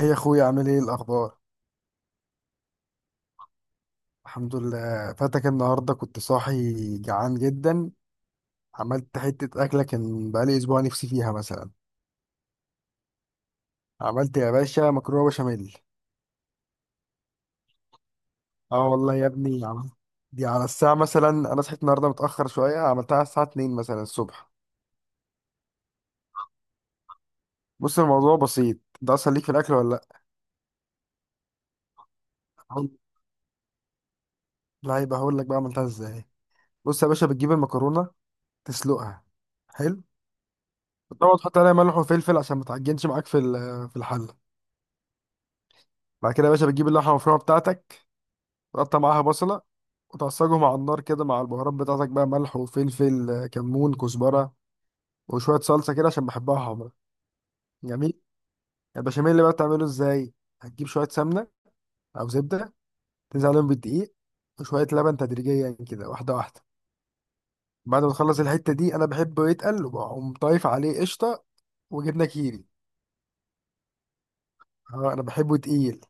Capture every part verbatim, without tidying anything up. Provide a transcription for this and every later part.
ايه يا اخويا؟ عامل ايه؟ الاخبار؟ الحمد لله. فاتك النهارده كنت صاحي جعان جدا. عملت حته اكله كان بقالي اسبوع نفسي فيها مثلا. عملت يا باشا مكرونه بشاميل. اه والله يا ابني عملت. دي على الساعه مثلا، انا صحيت النهارده متاخر شويه، عملتها على الساعه اتنين مثلا الصبح. بص، الموضوع بسيط. ده اصلا ليك في الاكل ولا لا؟ هقول- لا، يبقى هقول لك بقى عملتها ازاي. بص يا باشا، بتجيب المكرونه، تسلقها. حلو. طبعا تحط عليها ملح وفلفل عشان ما تعجنش معاك في ال- في الحله. بعد كده يا باشا بتجيب اللحمه المفرومه بتاعتك، تقطع معاها بصلة وتعصجهم على النار كده مع البهارات بتاعتك بقى، ملح وفلفل آه، كمون، كزبرة وشوية صلصة كده عشان بحبها حمرا. جميل. البشاميل اللي بقى بتعمله ازاي؟ هتجيب شوية سمنة أو زبدة، تنزل عليهم بالدقيق وشوية لبن تدريجيا كده، واحدة واحدة. بعد ما تخلص الحتة دي أنا بحبه يتقل، وبقوم طايف عليه قشطة وجبنة كيري. اه أنا بحبه تقيل.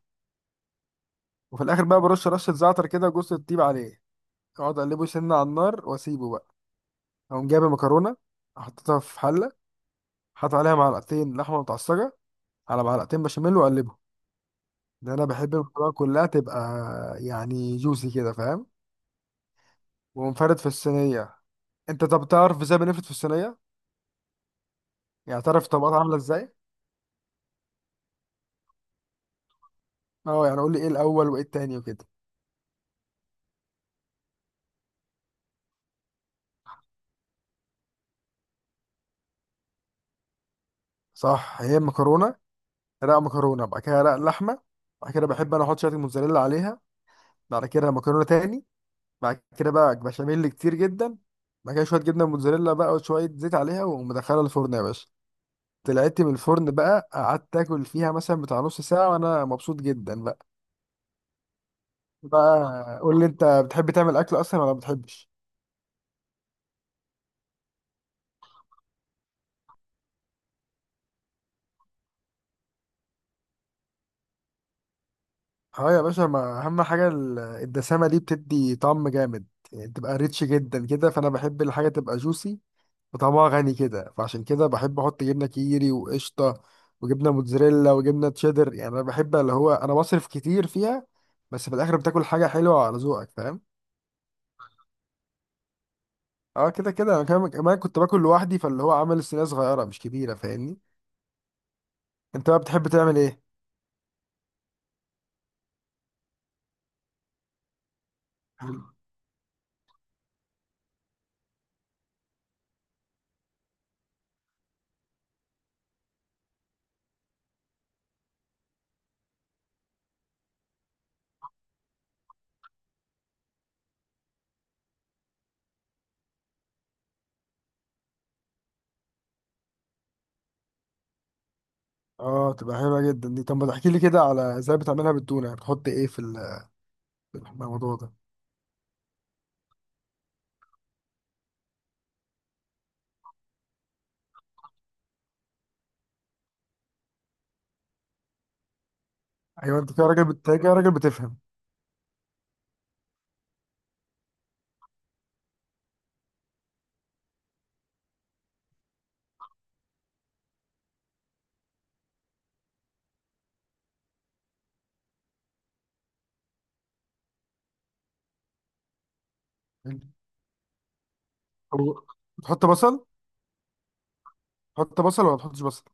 وفي الآخر بقى برش رشة زعتر كده وجوز الطيب عليه، أقعد أقلبه سنة على النار وأسيبه بقى. أقوم جايب المكرونة، حطيتها في حلة، حط عليها معلقتين لحمه متعصجه، على معلقتين بشاميل وقلبهم، لان انا بحب المكرونه كلها تبقى يعني جوسي كده فاهم. ومنفرد في الصينيه. انت طب تعرف ازاي بنفرد في الصينيه؟ يعني تعرف الطبقات عامله ازاي؟ اه يعني قول لي ايه الاول وايه التاني وكده. صح، هي المكرونه رق مكرونه، بعد كده رق لحمه، بعد كده بحب انا احط شويه الموتزاريلا عليها، بعد كده مكرونه تاني، بعد كده بقى بشاميل كتير جدا، بعد كده شويه جبنه موتزاريلا بقى وشويه زيت عليها، ومدخلها الفرن يا باشا. طلعت من الفرن بقى، قعدت اكل فيها مثلا بتاع نص ساعة وانا مبسوط جدا بقى. بقى قول لي انت، بتحب تعمل اكل اصلا ولا ما بتحبش؟ اه يا باشا، ما اهم حاجة ال- الدسامة دي بتدي طعم جامد. يعني تبقى ريتش جدا كده، فانا بحب الحاجة تبقى جوسي وطعمها غني كده، فعشان كده بحب احط جبنة كيري وقشطة وجبنة موتزاريلا وجبنة تشيدر. يعني انا بحب اللي هو انا بصرف كتير فيها. بس في الاخر بتاكل حاجة حلوة على ذوقك، فاهم. اه، كده كده انا كمان كمان كنت باكل لوحدي، فاللي هو عامل الصينيه صغيره مش كبيره، فاهمني. انت بقى بتحب تعمل ايه؟ اه تبقى حلوه جدا دي. طب ما تحكي لي كده على ازاي بتعملها بالتونه، يعني بتحط ايه في ال- في الموضوع ده؟ ايوه، انت كده راجل بت... كده راجل بتفهم. طب بتحط بصل؟ تحط بصل ولا ما تحطش بصل؟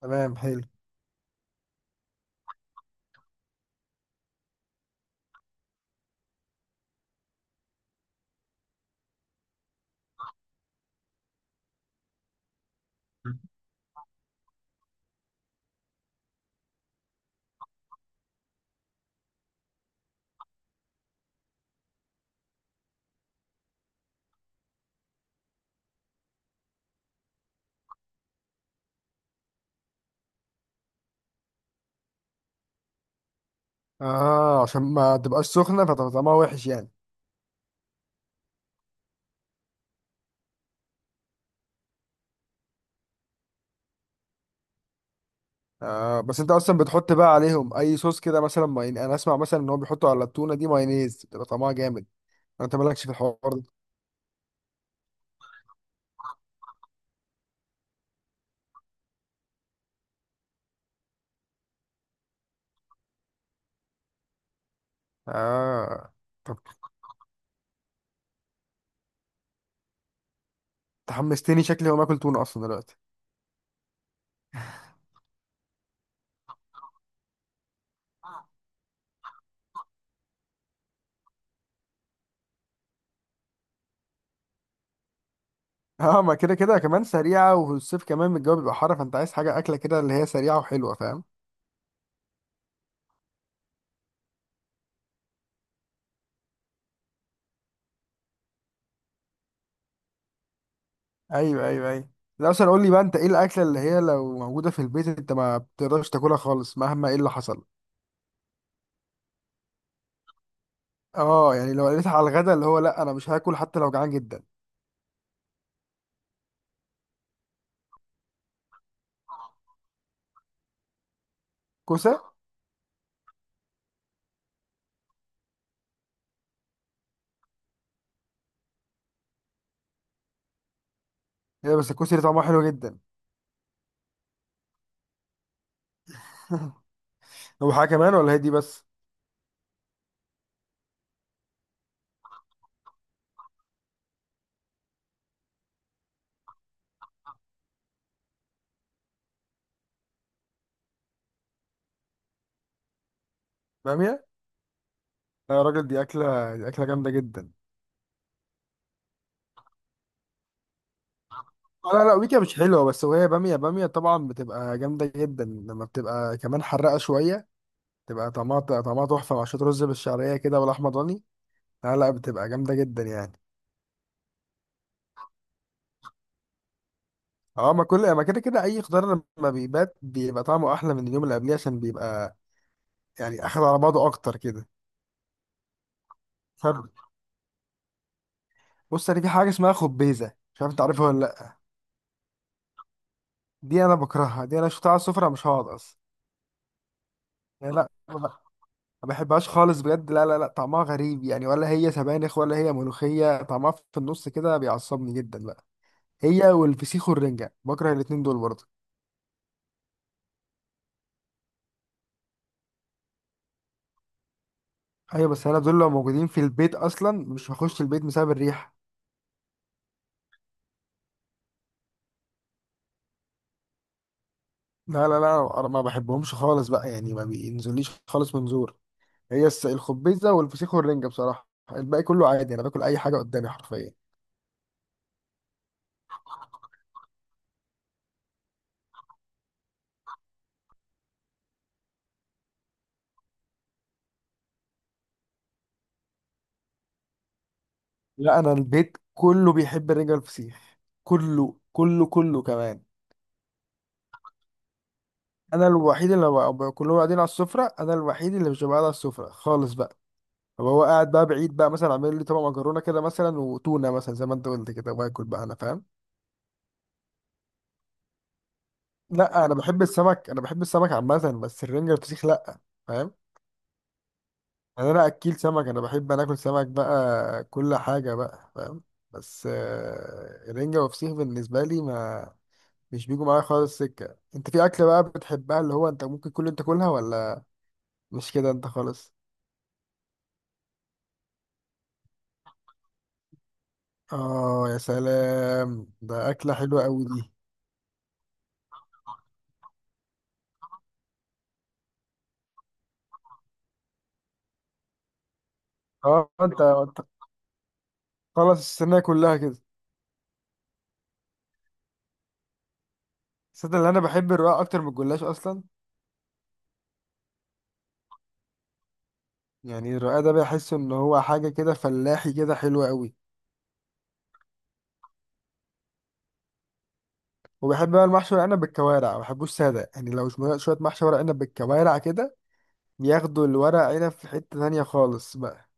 تمام حلو. اه عشان ما تبقاش سخنه فتبقى طعمها وحش يعني. آه بس انت اصلا بتحط بقى عليهم اي صوص كده مثلا؟ ماين انا اسمع مثلا ان هو بيحطوا على التونه دي مايونيز بتبقى طعمها جامد. انت مالكش في الحوار ده؟ اه. طب تحمستني، شكلي هقوم اكل تونه اصلا دلوقتي. اه ما كده كده كمان سريعه، والصيف كمان الجو بيبقى حر، فانت عايز حاجه اكله كده اللي هي سريعه وحلوه فاهم. ايوه ايوه ايوه. لا اصلا قول لي بقى، انت ايه الاكله اللي هي لو موجوده في البيت انت ما بتقدرش تاكلها خالص مهما ايه اللي حصل؟ اه يعني لو قلت على الغدا اللي هو لا انا مش هاكل حتى لو جعان جدا. كوسه. هي بس الكوسه دي طعمها حلو جدا. هو حاجه كمان ولا هي دي بس؟ باميه. لا يا راجل دي اكله، دي اكله جامده جدا. آه، لا لا ويكا مش حلوة، بس وهي بامية بامية طبعا بتبقى جامدة جدا لما بتبقى كمان حرقة شوية. تبقى طعمها طعمها تحفة مع شوية رز بالشعرية كده والأحمر ضاني. لا لا بتبقى جامدة جدا يعني. اه ما كل ما كده كده أي خضار لما بيبات بيبقى طعمه أحلى من اليوم اللي قبليه، عشان بيبقى يعني أخد على بعضه أكتر كده. فرق. بص أنا في حاجة اسمها خبيزة، مش عارف أنت عارفها ولا لأ. دي أنا بكرهها. دي أنا شفتها على السفرة مش هقعد أصلا. يعني لا. ما بحبهاش خالص بجد، لا لا لا، طعمها غريب يعني، ولا هي سبانخ ولا هي ملوخية، طعمها في النص كده بيعصبني جدا بقى. هي والفسيخ والرنجة بكره الاتنين دول برضه. ايوه بس انا دول لو موجودين في البيت اصلا مش هخش البيت بسبب الريحة. لا لا لا انا ما بحبهمش خالص بقى، يعني ما بينزليش خالص منظور. هي الس- الخبيزة والفسيخ والرنجة بصراحة. الباقي كله عادي انا باكل اي حاجة قدامي حرفيا. لا انا البيت كله بيحب الرنجة والفسيخ، كله كله كله كمان. انا الوحيد اللي بقى بقى كلهم قاعدين على السفره، انا الوحيد اللي مش ببقى قاعد على السفره خالص بقى. طب هو قاعد بقى بعيد بقى مثلا، عامل لي طبق مكرونه كده مثلا وتونه مثلا زي ما انت قلت كده، واكل بقى انا فاهم. لا انا بحب السمك، انا بحب السمك عامه، بس الرنجه والفسيخ لا. فاهم. يعني انا اكيل سمك، انا بحب انا اكل سمك بقى كل حاجه بقى فاهم. بس آه، الرنجه والفسيخ بالنسبه لي ما، مش بيجوا معايا خالص سكه. انت في اكله بقى بتحبها اللي هو انت ممكن كل انت تاكلها ولا مش كده انت خالص؟ اه يا سلام، ده اكله حلوه قوي دي. اه انت انت خلص السنه كلها كده. صدق اللي انا بحب الرقاق اكتر من الجلاش اصلا. يعني الرقاق ده بحس ان هو حاجه كده فلاحي كده حلوه قوي. وبحب بقى المحشي ورق عنب بالكوارع، ما بحبوش ساده يعني، لو شويه شوية محشي ورق عنب بالكوارع كده ياخدوا الورق عنب في حته تانية خالص بقى.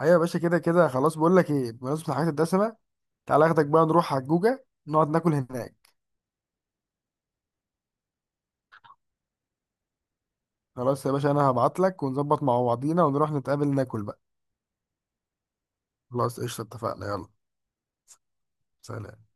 ايوه يا باشا، كده كده خلاص. بقول لك ايه، بمناسبه الحاجات الدسمه تعالى اخدك بقى نروح على الجوجه نقعد ناكل هناك. خلاص يا باشا انا هبعت لك ونظبط مع بعضينا ونروح نتقابل ناكل بقى. خلاص قشطة، اتفقنا، يلا. سلام.